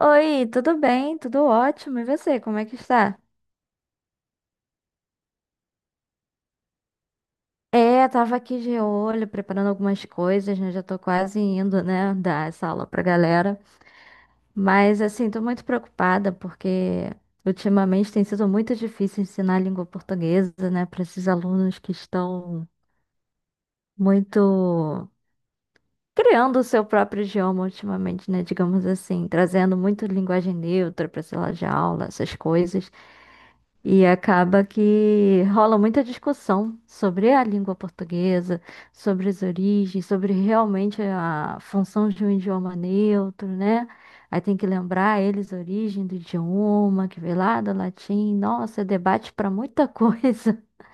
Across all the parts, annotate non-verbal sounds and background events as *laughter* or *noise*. Oi, tudo bem? Tudo ótimo. E você, como é que está? Tava aqui de olho, preparando algumas coisas, né? Já tô quase indo, né, dar essa aula pra galera. Mas, assim, tô muito preocupada porque ultimamente tem sido muito difícil ensinar a língua portuguesa, né, para esses alunos que estão muito criando o seu próprio idioma ultimamente, né, digamos assim, trazendo muito linguagem neutra para sala de aula, essas coisas. E acaba que rola muita discussão sobre a língua portuguesa, sobre as origens, sobre realmente a função de um idioma neutro, né? Aí tem que lembrar eles a origem do idioma, que veio lá do latim. Nossa, é debate para muita coisa. *laughs*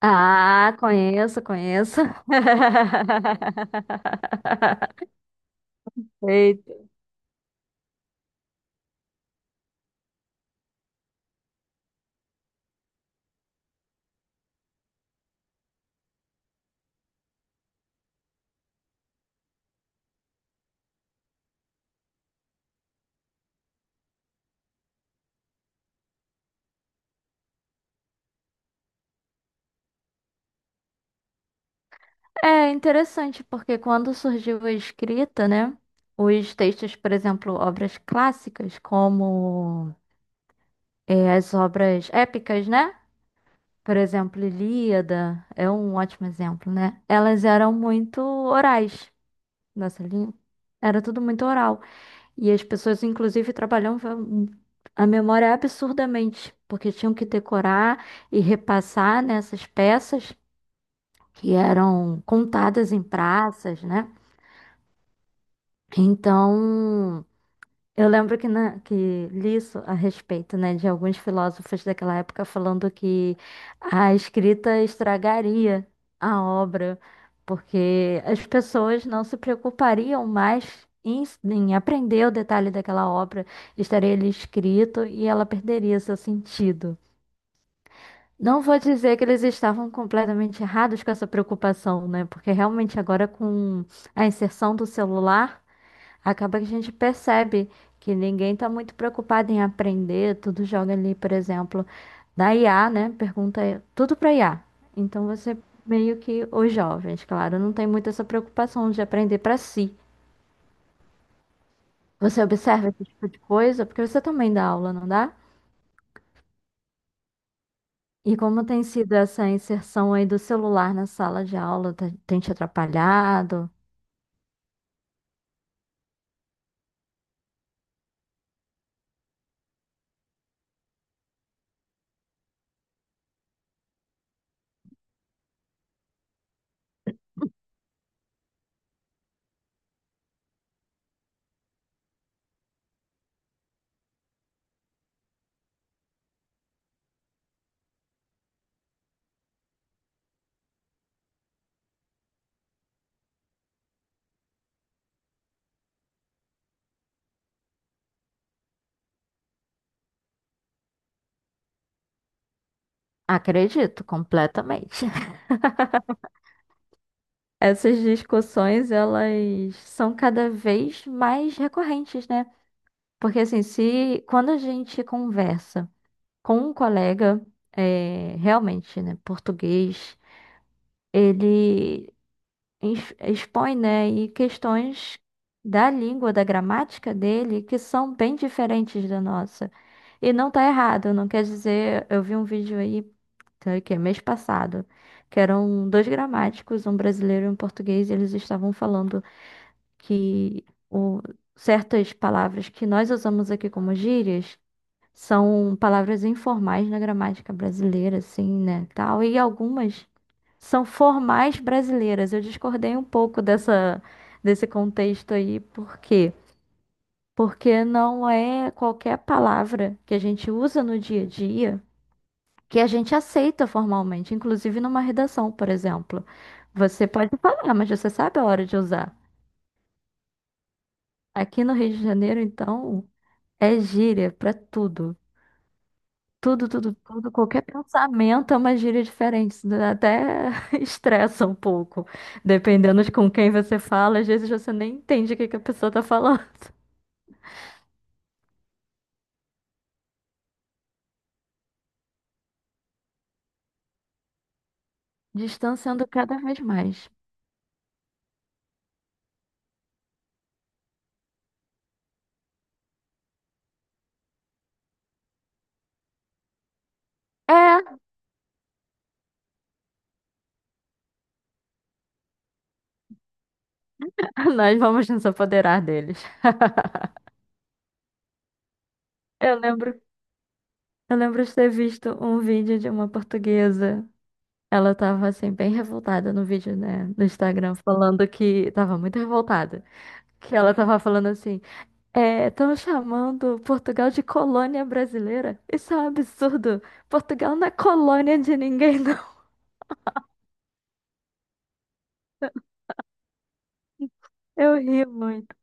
Ah, conheço, conheço. *laughs* Eita. É interessante, porque quando surgiu a escrita, né? Os textos, por exemplo, obras clássicas, como as obras épicas, né? Por exemplo, Ilíada é um ótimo exemplo, né? Elas eram muito orais nessa linha. Era tudo muito oral. E as pessoas, inclusive, trabalhavam a memória é absurdamente, porque tinham que decorar e repassar nessas peças que eram contadas em praças, né? Então, eu lembro que, na, que li isso a respeito, né, de alguns filósofos daquela época falando que a escrita estragaria a obra, porque as pessoas não se preocupariam mais em aprender o detalhe daquela obra, estaria ali escrito e ela perderia seu sentido. Não vou dizer que eles estavam completamente errados com essa preocupação, né? Porque realmente agora com a inserção do celular acaba que a gente percebe que ninguém está muito preocupado em aprender, tudo joga ali, por exemplo, na IA, né? Pergunta tudo para IA. Então você meio que os jovens, claro, não tem muito essa preocupação de aprender para si. Você observa esse tipo de coisa, porque você também dá aula, não dá? E como tem sido essa inserção aí do celular na sala de aula? Tem te atrapalhado? Acredito, completamente. Essas discussões, elas são cada vez mais recorrentes, né? Porque assim, se quando a gente conversa com um colega, realmente, né, português, ele expõe, né, e questões da língua, da gramática dele, que são bem diferentes da nossa. E não tá errado, não quer dizer, eu vi um vídeo aí, tá, que é mês passado, que eram dois gramáticos, um brasileiro e um português, e eles estavam falando que certas palavras que nós usamos aqui como gírias são palavras informais na gramática brasileira, assim, né, tal, e algumas são formais brasileiras. Eu discordei um pouco dessa desse contexto aí, por quê? Porque não é qualquer palavra que a gente usa no dia a dia que a gente aceita formalmente, inclusive numa redação, por exemplo. Você pode falar, mas você sabe a hora de usar. Aqui no Rio de Janeiro, então, é gíria pra tudo. Tudo, tudo, tudo. Qualquer pensamento é uma gíria diferente. Isso até *laughs* estressa um pouco. Dependendo de com quem você fala, às vezes você nem entende o que que a pessoa tá falando. Distanciando cada vez mais. É, *laughs* nós vamos nos apoderar deles. Eu lembro, eu lembro de ter visto um vídeo de uma portuguesa. Ela tava assim, bem revoltada no vídeo, né, no Instagram, falando que tava muito revoltada. Que ela tava falando assim. Estão chamando Portugal de colônia brasileira. Isso é um absurdo. Portugal não é colônia de ninguém, *laughs* não. Eu ri muito.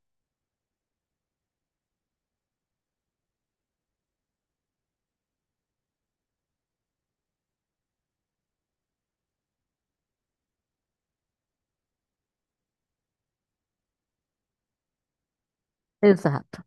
Exato.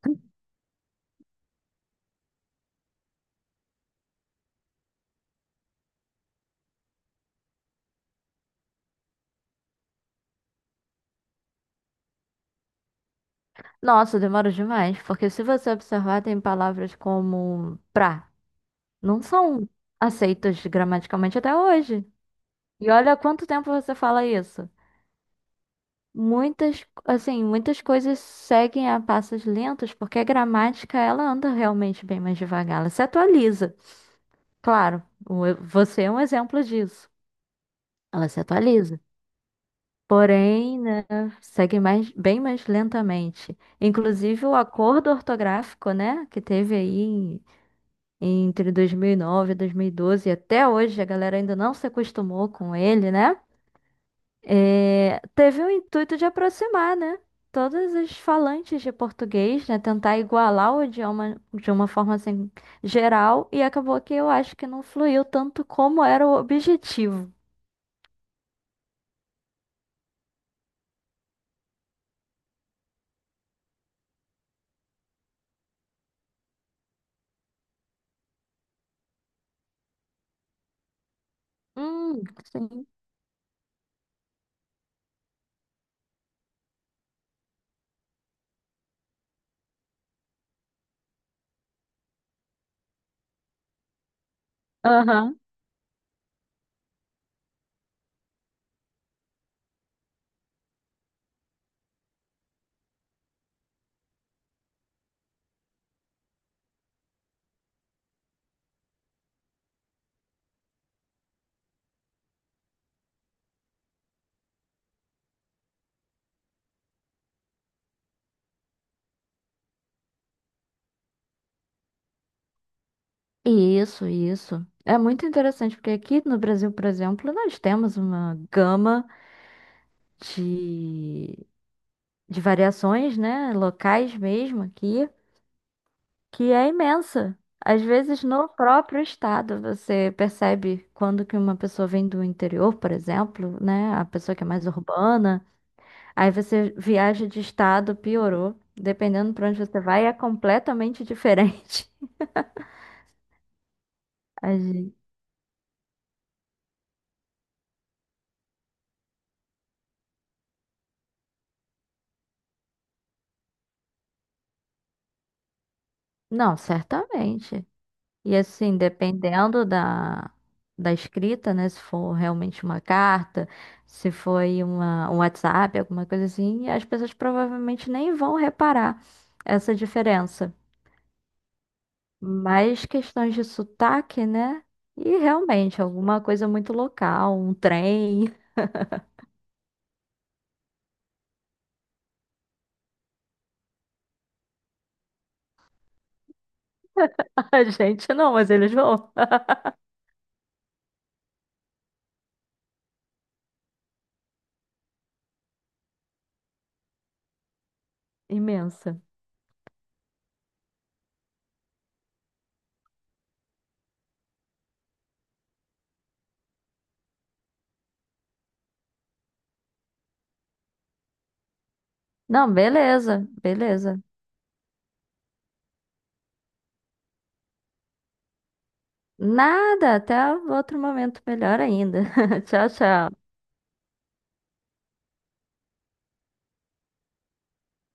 Nossa, demora demais, porque se você observar, tem palavras como pra. Não são aceitas gramaticalmente até hoje. E olha há quanto tempo você fala isso. Muitas, assim, muitas coisas seguem a passos lentos, porque a gramática, ela anda realmente bem mais devagar, ela se atualiza. Claro, você é um exemplo disso. Ela se atualiza. Porém, né, segue mais, bem mais lentamente. Inclusive, o acordo ortográfico, né, que teve aí entre 2009 e 2012, e dois mil e doze, e até hoje a galera ainda não se acostumou com ele, né? Teve o intuito de aproximar, né? Todos os falantes de português, né? Tentar igualar o idioma de uma forma assim geral, e acabou que eu acho que não fluiu tanto como era o objetivo. Sim. Aham. Isso, isso. É muito interessante, porque aqui no Brasil, por exemplo, nós temos uma gama de, de variações, né, locais mesmo aqui, que é imensa. Às vezes, no próprio estado, você percebe quando que uma pessoa vem do interior, por exemplo, né, a pessoa que é mais urbana, aí você viaja de estado, piorou. Dependendo para onde você vai, é completamente diferente. *laughs* A gente- não, certamente. E assim, dependendo da escrita, né? Se for realmente uma carta, se foi uma, um WhatsApp, alguma coisa assim, as pessoas provavelmente nem vão reparar essa diferença. Mas questões de sotaque, né? E realmente, alguma coisa muito local, um trem. *laughs* A gente não, mas eles vão. *laughs* Imensa. Não, beleza, beleza. Nada, até outro momento melhor ainda. *laughs* Tchau, tchau.